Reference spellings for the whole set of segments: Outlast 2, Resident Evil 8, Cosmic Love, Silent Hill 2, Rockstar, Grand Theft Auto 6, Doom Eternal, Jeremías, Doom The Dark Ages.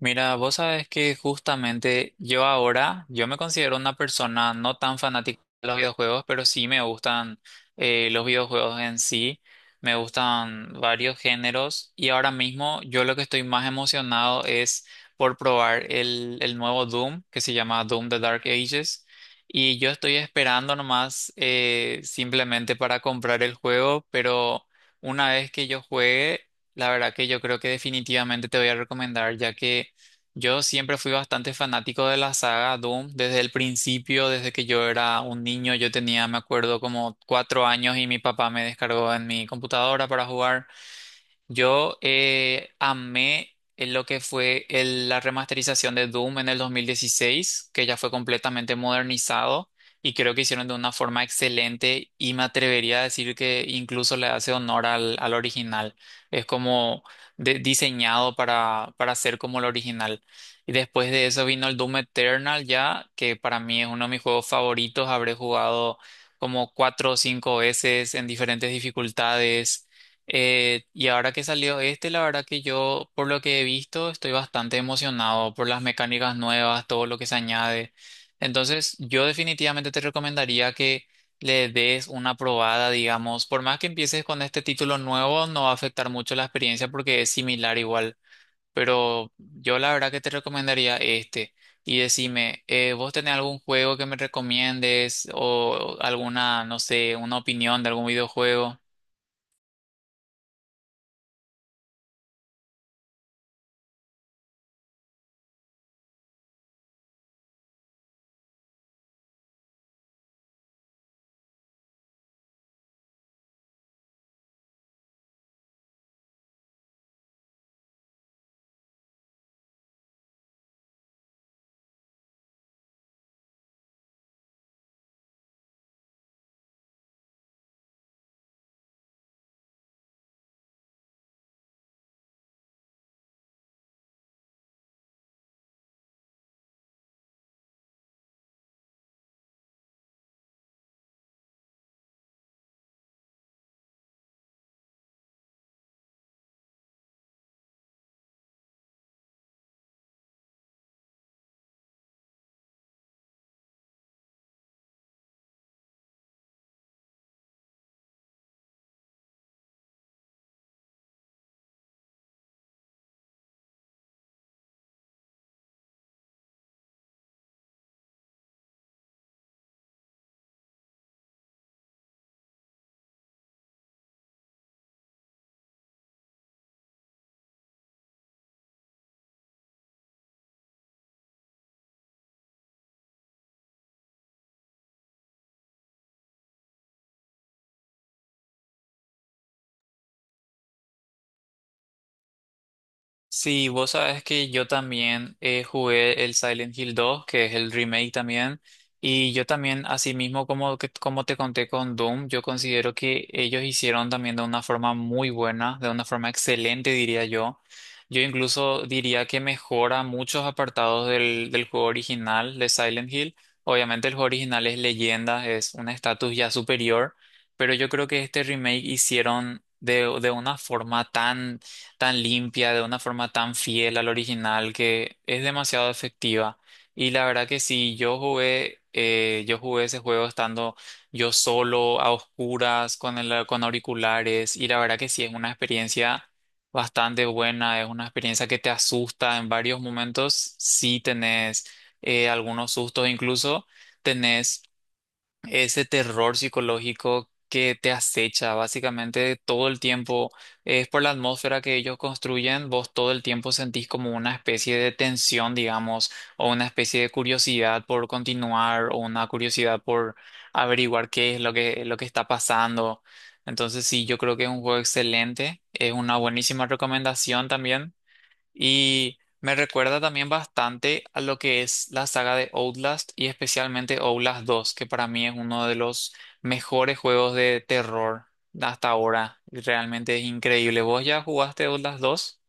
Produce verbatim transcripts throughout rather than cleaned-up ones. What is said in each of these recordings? Mira, vos sabes que justamente yo ahora, yo me considero una persona no tan fanática de los videojuegos, pero sí me gustan eh, los videojuegos en sí, me gustan varios géneros y ahora mismo yo lo que estoy más emocionado es por probar el, el nuevo Doom, que se llama Doom The Dark Ages, y yo estoy esperando nomás, eh, simplemente para comprar el juego, pero una vez que yo juegue, la verdad que yo creo que definitivamente te voy a recomendar ya que... Yo siempre fui bastante fanático de la saga Doom desde el principio, desde que yo era un niño. Yo tenía, me acuerdo, como cuatro años y mi papá me descargó en mi computadora para jugar. Yo eh, amé en lo que fue el- la remasterización de Doom en el dos mil dieciséis, que ya fue completamente modernizado y creo que hicieron de una forma excelente y me atrevería a decir que incluso le hace honor al, al original. Es como de- diseñado para, para ser como el original. Y después de eso vino el Doom Eternal ya, que para mí es uno de mis juegos favoritos. Habré jugado como cuatro o cinco veces en diferentes dificultades. Eh, y ahora que salió este, la verdad que yo, por lo que he visto, estoy bastante emocionado por las mecánicas nuevas, todo lo que se añade. Entonces, yo definitivamente te recomendaría que le des una probada, digamos. Por más que empieces con este título nuevo, no va a afectar mucho la experiencia porque es similar igual. Pero yo la verdad que te recomendaría este. Y decime, eh, ¿vos tenés algún juego que me recomiendes o alguna, no sé, una opinión de algún videojuego? Sí, vos sabes que yo también eh, jugué el Silent Hill dos, que es el remake también, y yo también, así mismo como, que- como te conté con Doom, yo considero que ellos hicieron también de una forma muy buena, de una forma excelente, diría yo. Yo incluso diría que mejora muchos apartados del, del juego original de Silent Hill. Obviamente el juego original es leyenda, es un estatus ya superior, pero yo creo que este remake hicieron de, de una forma tan tan limpia, de una forma tan fiel al original que es demasiado efectiva. Y la verdad que sí, yo jugué, eh, yo jugué ese juego estando yo solo, a oscuras, con el, con auriculares, y la verdad que sí, es una experiencia bastante buena, es una experiencia que te asusta en varios momentos, sí tenés eh, algunos sustos, incluso tenés ese terror psicológico que te acecha básicamente todo el tiempo. Es por la atmósfera que ellos construyen, vos todo el tiempo sentís como una especie de tensión, digamos, o una especie de curiosidad por continuar, o una curiosidad por averiguar qué es lo que, lo que está pasando. Entonces sí, yo creo que es un juego excelente, es una buenísima recomendación también. Y me recuerda también bastante a lo que es la saga de Outlast y especialmente Outlast dos, que para mí es uno de los mejores juegos de terror hasta ahora. Realmente es increíble. ¿Vos ya jugaste Outlast dos?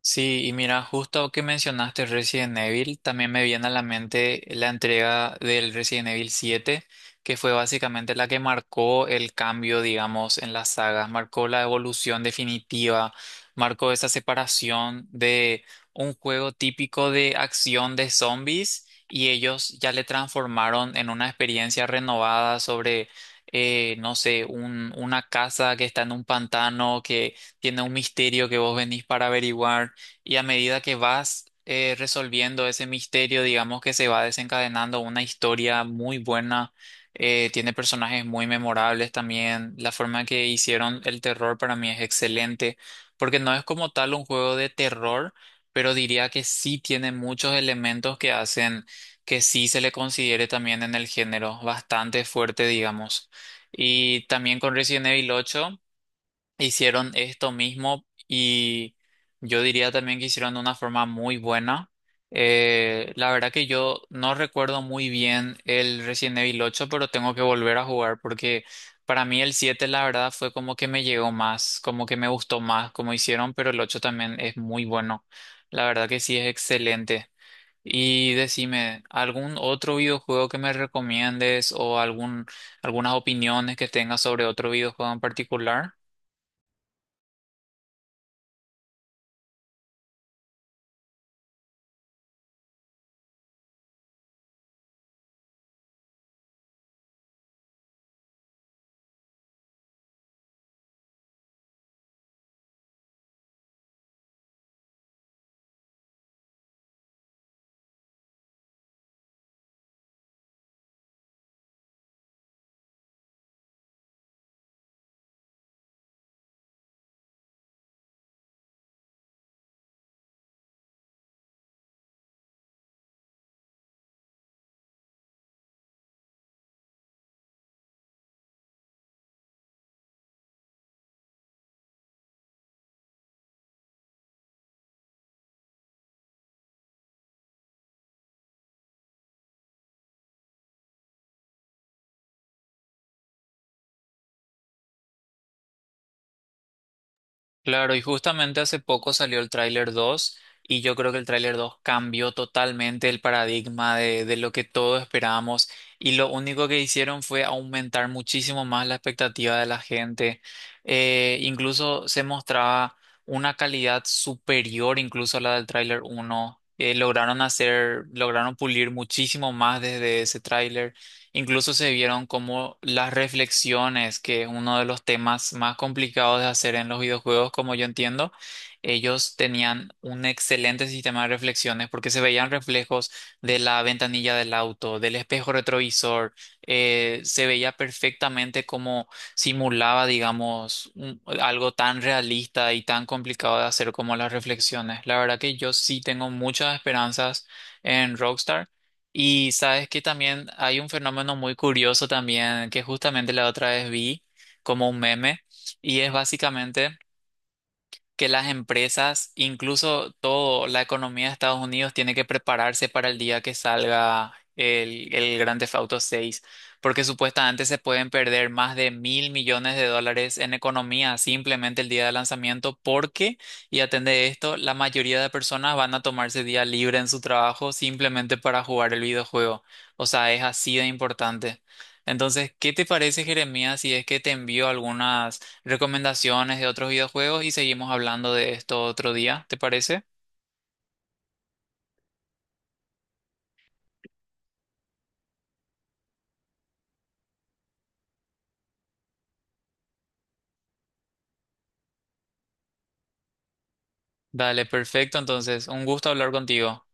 Sí, y mira, justo que mencionaste Resident Evil, también me viene a la mente la entrega del Resident Evil siete, que fue básicamente la que marcó el cambio, digamos, en las sagas, marcó la evolución definitiva, marcó esa separación de un juego típico de acción de zombies y ellos ya le transformaron en una experiencia renovada sobre... eh, no sé, un- una casa que está en un pantano, que tiene un misterio que vos venís para averiguar, y a medida que vas eh, resolviendo ese misterio, digamos que se va desencadenando una historia muy buena, eh, tiene personajes muy memorables también, la forma en que hicieron el terror para mí es excelente, porque no es como tal un juego de terror, pero diría que sí tiene muchos elementos que hacen que sí se le considere también en el género bastante fuerte, digamos. Y también con Resident Evil ocho. Hicieron esto mismo y yo diría también que hicieron de una forma muy buena. Eh, la verdad que yo no recuerdo muy bien el Resident Evil ocho, pero tengo que volver a jugar porque para mí el siete la verdad fue como que me llegó más, como que me gustó más como hicieron, pero el ocho también es muy bueno. La verdad que sí es excelente. Y decime, ¿algún otro videojuego que me recomiendes o algún, algunas opiniones que tengas sobre otro videojuego en particular? Claro, y justamente hace poco salió el tráiler dos y yo creo que el tráiler dos cambió totalmente el paradigma de, de lo que todos esperábamos, y lo único que hicieron fue aumentar muchísimo más la expectativa de la gente. Eh, incluso se mostraba una calidad superior incluso a la del tráiler uno. Eh, lograron hacer, lograron pulir muchísimo más desde ese tráiler. Incluso se vieron como las reflexiones, que es uno de los temas más complicados de hacer en los videojuegos, como yo entiendo, ellos tenían un excelente sistema de reflexiones porque se veían reflejos de la ventanilla del auto, del espejo retrovisor, eh, se veía perfectamente cómo simulaba, digamos, un- algo tan realista y tan complicado de hacer como las reflexiones. La verdad que yo sí tengo muchas esperanzas en Rockstar. Y sabes que también hay un fenómeno muy curioso también que justamente la otra vez vi como un meme, y es básicamente que las empresas, incluso toda la economía de Estados Unidos, tiene que prepararse para el día que salga el, el Grand Theft Auto seis, porque supuestamente se pueden perder más de mil millones de dólares en economía simplemente el día de lanzamiento, porque, y atende esto, la mayoría de personas van a tomarse día libre en su trabajo simplemente para jugar el videojuego. O sea, es así de importante. Entonces, ¿qué te parece, Jeremías, si es que te envío algunas recomendaciones de otros videojuegos y seguimos hablando de esto otro día, ¿te parece? Dale, perfecto. Entonces, un gusto hablar contigo.